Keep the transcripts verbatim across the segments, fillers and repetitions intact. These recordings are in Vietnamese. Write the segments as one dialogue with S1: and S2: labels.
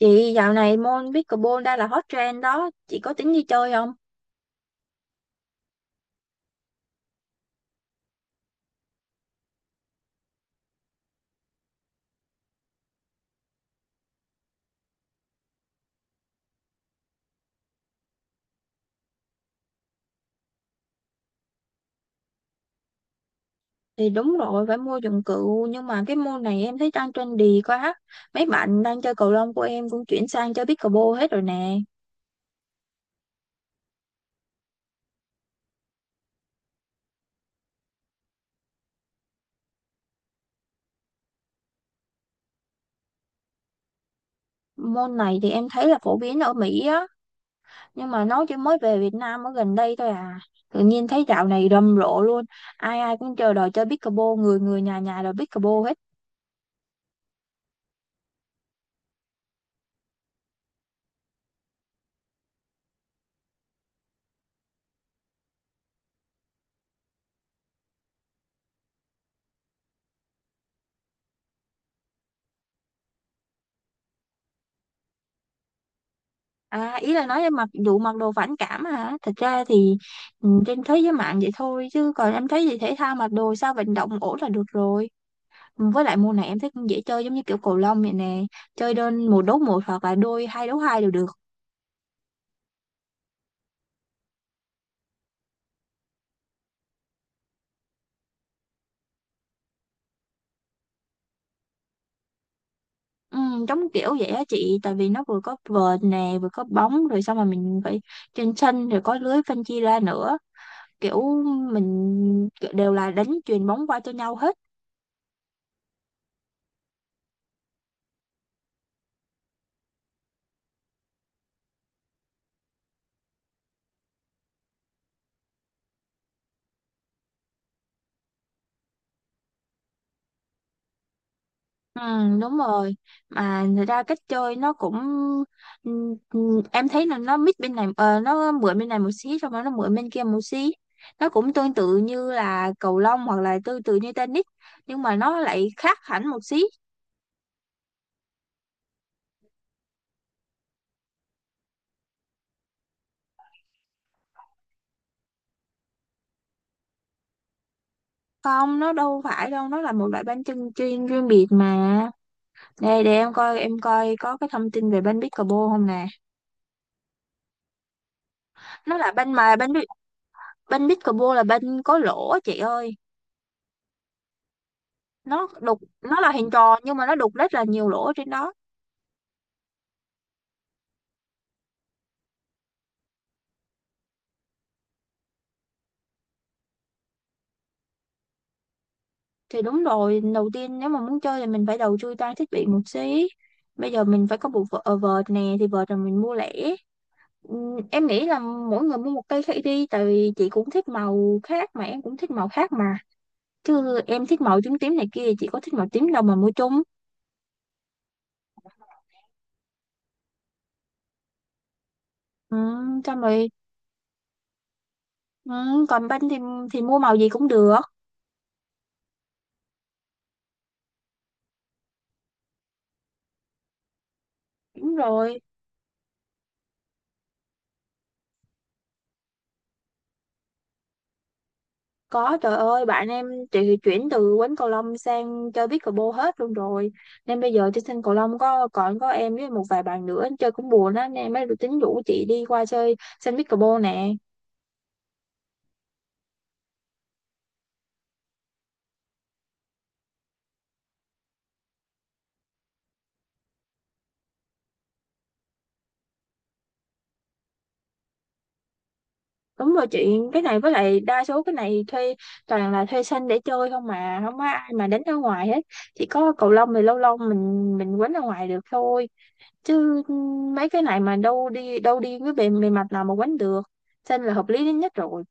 S1: Chị dạo này môn pickleball đang là hot trend đó, chị có tính đi chơi không? Thì đúng rồi, phải mua dụng cụ, nhưng mà cái môn này em thấy đang trendy quá. Mấy bạn đang chơi cầu lông của em cũng chuyển sang chơi pickleball hết rồi nè. Môn này thì em thấy là phổ biến ở Mỹ á, nhưng mà nó chỉ mới về Việt Nam ở gần đây thôi à. Tự nhiên thấy dạo này rầm rộ luôn, ai ai cũng chờ đòi chơi pickleball, người người nhà nhà đòi pickleball hết. À, ý là nói em mặc vụ mặc đồ phản cảm hả? Thật ra thì ừ, trên thế giới mạng vậy thôi chứ còn em thấy gì thể thao mặc đồ sao vận động ổn là được rồi. Ừ, với lại môn này em thấy cũng dễ chơi giống như kiểu cầu lông vậy nè, chơi đơn một đấu một hoặc là đôi hai đấu hai đều được. Ừ, giống kiểu vậy á chị, tại vì nó vừa có vợt nè, vừa có bóng rồi xong mà mình phải trên sân rồi có lưới phân chia ra nữa. Kiểu mình kiểu đều là đánh chuyền bóng qua cho nhau hết. Ừ, đúng rồi, mà thật ra cách chơi nó cũng ừ, ừ, em thấy là nó mix bên này, ờ, nó mượn bên này một xí xong rồi nó mượn bên kia một xí. Nó cũng tương tự như là cầu lông hoặc là tương tự như tennis, nhưng mà nó lại khác hẳn một xí. Không, nó đâu phải đâu, nó là một loại banh chân chuyên riêng biệt mà. Đây để em coi em coi có cái thông tin về banh pickleball không nè. Nó là banh mà banh pic- banh pickleball là banh có lỗ á chị ơi. Nó đục, nó là hình tròn nhưng mà nó đục rất là nhiều lỗ trên đó. Thì đúng rồi, đầu tiên nếu mà muốn chơi thì mình phải đầu tư trang thiết bị một xí. Bây giờ mình phải có bộ vợ- ờ, vợt nè, thì vợt là mình mua lẻ. Ừm, em nghĩ là mỗi người mua một cây khác đi, tại vì chị cũng thích màu khác mà em cũng thích màu khác mà, chứ em thích màu tím tím này kia, chị có thích màu tím đâu mà mua chung. Ừm, xong rồi, ừm, còn banh thì thì mua màu gì cũng được. Đúng rồi. Có trời ơi bạn em, chị thì chuyển từ quánh cầu lông sang chơi pickleball hết luôn rồi, nên bây giờ trên sân cầu lông có còn có em với một vài bạn nữa chơi cũng buồn á, nên em mới tính rủ chị đi qua chơi sân pickleball nè. Đúng rồi chị, cái này với lại đa số cái này thuê, toàn là thuê sân để chơi không mà không có ai mà đánh ở ngoài hết. Chỉ có cầu lông thì lâu lâu mình mình quánh ở ngoài được thôi, chứ mấy cái này mà đâu đi đâu đi với bề bề mặt nào mà quánh được. Sân là hợp lý nhất rồi.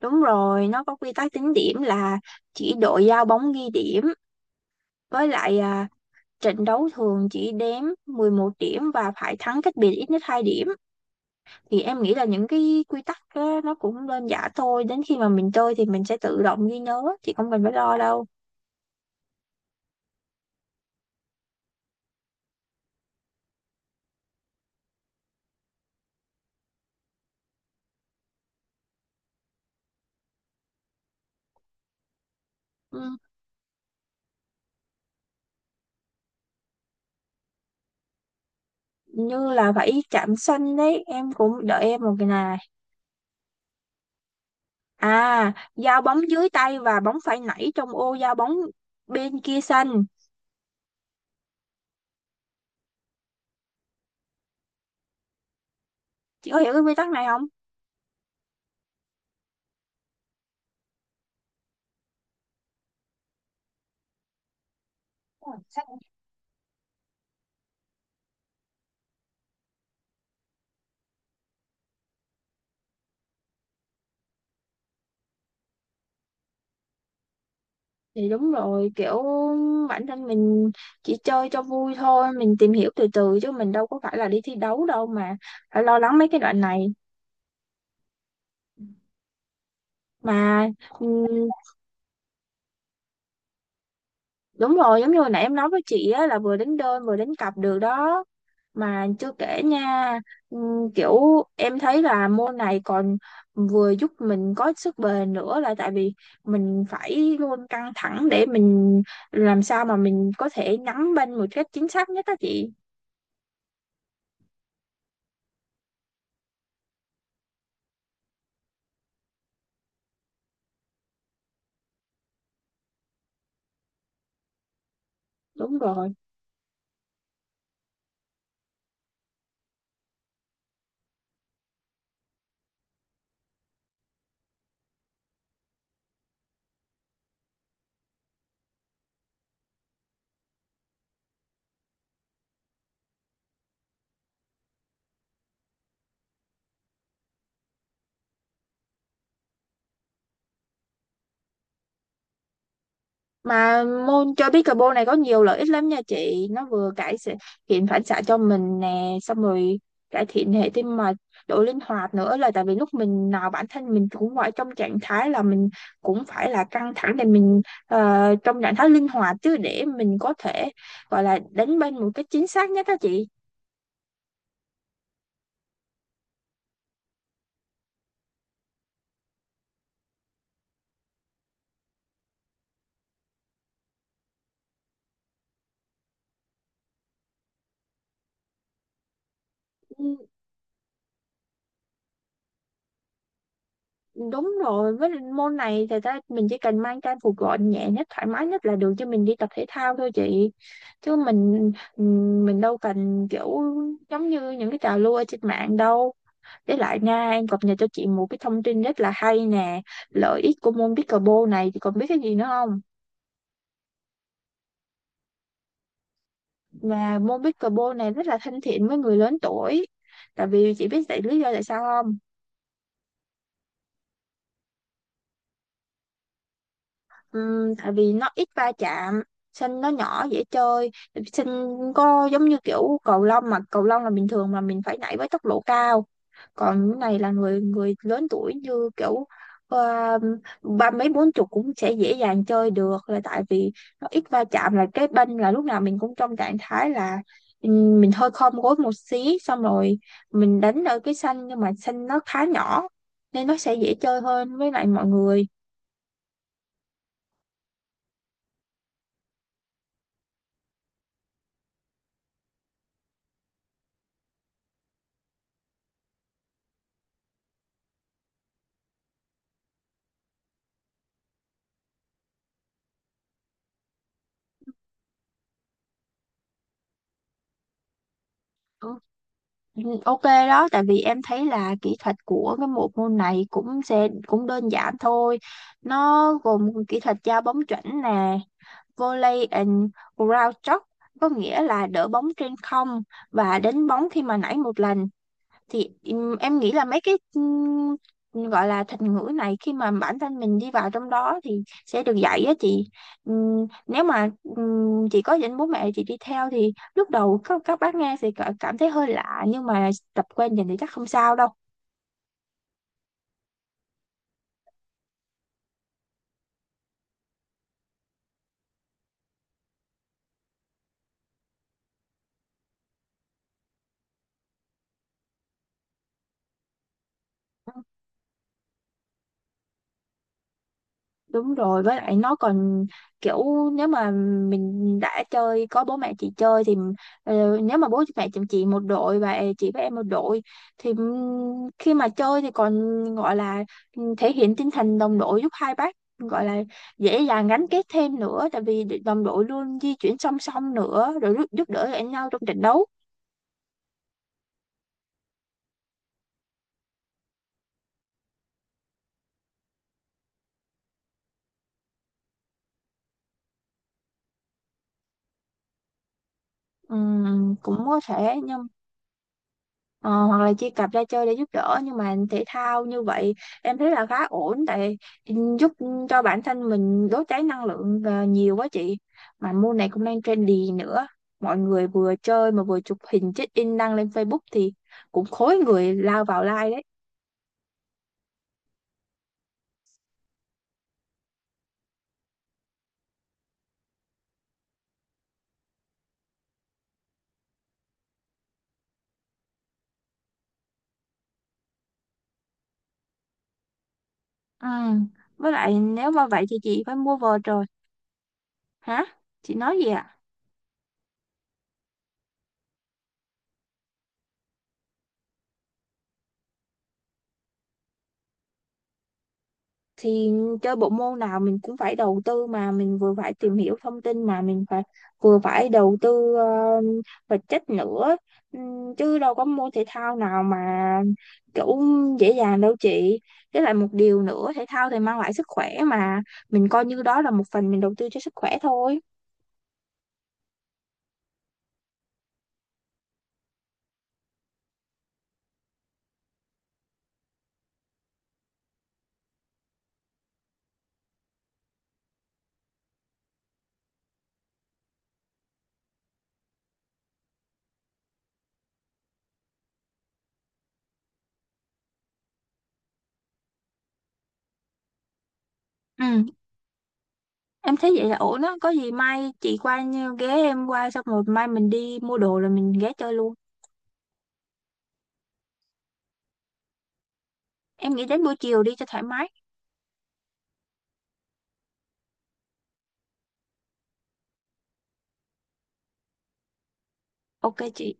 S1: Đúng rồi, nó có quy tắc tính điểm là chỉ đội giao bóng ghi điểm, với lại à, trận đấu thường chỉ đếm mười một điểm và phải thắng cách biệt ít nhất hai điểm. Thì em nghĩ là những cái quy tắc á, nó cũng đơn giản thôi, đến khi mà mình chơi thì mình sẽ tự động ghi nhớ, chị không cần phải lo đâu. Ừ, như là phải chạm xanh đấy, em cũng đợi em một cái này. À, giao bóng dưới tay và bóng phải nảy trong ô giao bóng bên kia xanh. Chị có hiểu cái quy tắc này không? Thì đúng rồi, kiểu bản thân mình chỉ chơi cho vui thôi, mình tìm hiểu từ từ chứ mình đâu có phải là đi thi đấu đâu mà phải lo lắng mấy cái đoạn này. Mà ừm, đúng rồi, giống như hồi nãy em nói với chị á là vừa đánh đơn vừa đánh cặp được đó. Mà chưa kể nha, ừm, kiểu em thấy là môn này còn vừa giúp mình có sức bền nữa, là tại vì mình phải luôn căng thẳng để mình làm sao mà mình có thể nắm bên một cách chính xác nhất đó chị. Đúng rồi. Mà môn chơi pickleball này có nhiều lợi ích lắm nha chị. Nó vừa cải xạ- thiện phản xạ cho mình nè, xong rồi cải thiện hệ tim mạch, độ linh hoạt nữa, là tại vì lúc mình nào bản thân mình cũng phải trong trạng thái là mình cũng phải là căng thẳng để mình, ờ, trong trạng thái linh hoạt chứ, để mình có thể gọi là đánh bên một cách chính xác nhất đó chị. Ừ. Đúng rồi, với lại môn này thì ta mình chỉ cần mang trang phục gọn nhẹ nhất, thoải mái nhất là được cho mình đi tập thể thao thôi chị. Chứ mình mình đâu cần kiểu, giống như những cái trào lưu ở trên mạng đâu. Với lại nha, em cập nhật cho chị một cái thông tin rất là hay nè. Lợi ích của môn pickleball này chị còn biết cái gì nữa không? Và môn pickleball này rất là thân thiện với người lớn tuổi. Tại vì chị biết tại lý do tại sao không? Ừm, tại vì nó ít va chạm, sân nó nhỏ dễ chơi. Sân có giống như kiểu cầu lông, mà cầu lông là bình thường mà mình phải nhảy với tốc độ cao, còn cái này là người người lớn tuổi như kiểu, ờ, ba mấy bốn chục cũng sẽ dễ dàng chơi được, là tại vì nó ít va chạm, là cái bên là lúc nào mình cũng trong trạng thái là, ừm, mình hơi khom gối một xí xong rồi mình đánh ở cái sân, nhưng mà sân nó khá nhỏ nên nó sẽ dễ chơi hơn với lại mọi người. Ừ, OK đó, tại vì em thấy là kỹ thuật của cái bộ môn này cũng sẽ cũng đơn giản thôi. Nó gồm kỹ thuật giao bóng chuẩn nè, volley and ground stroke, có nghĩa là đỡ bóng trên không và đánh bóng khi mà nảy một lần. Thì ừm, em nghĩ là mấy cái ừm, gọi là thuật ngữ này khi mà bản thân mình đi vào trong đó thì sẽ được dạy á chị. Ừm, nếu mà ừm, chị có dẫn bố mẹ chị đi theo thì lúc đầu các các bác nghe sẽ cả- cảm thấy hơi lạ, nhưng mà tập quen dần thì chắc không sao đâu. Đúng rồi, với lại nó còn kiểu, nếu mà mình đã chơi có bố mẹ chị chơi thì, ờ, nếu mà bố mẹ chồng chị một đội và chị với em một đội thì ừm, khi mà chơi thì còn gọi là, ừm, thể hiện tinh thần đồng đội, giúp hai bác gọi là dễ dàng gắn kết thêm nữa, tại vì đồng đội luôn di chuyển song song, nữa rồi giúp, giúp đỡ lẫn nhau trong trận đấu. Ừm, cũng có thể nhưng... Ờ, hoặc là chia cặp ra chơi để giúp đỡ, nhưng mà thể thao như vậy em thấy là khá ổn, tại giúp cho bản thân mình đốt cháy năng lượng, ờ, nhiều quá chị. Mà môn này cũng đang trendy nữa, mọi người vừa chơi mà vừa chụp hình check in đăng lên Facebook thì cũng khối người lao vào like đấy. Ừ. Với lại nếu mà vậy thì chị phải mua vợt rồi. Hả? Chị nói gì ạ? Thì chơi bộ môn nào mình cũng phải đầu tư mà, mình vừa phải tìm hiểu thông tin mà mình phải vừa phải đầu tư, ờ, vật chất nữa. Ừm, chứ đâu có môn thể thao nào mà kiểu dễ dàng đâu chị, với lại một điều nữa, thể thao thì mang lại sức khỏe mà, mình coi như đó là một phần mình đầu tư cho sức khỏe thôi. Ừ, em thấy vậy là ổn đó, có gì mai chị qua như- ghé em qua, xong rồi mai mình đi mua đồ rồi mình ghé chơi luôn. Em nghĩ đến buổi chiều đi cho thoải mái. OK chị.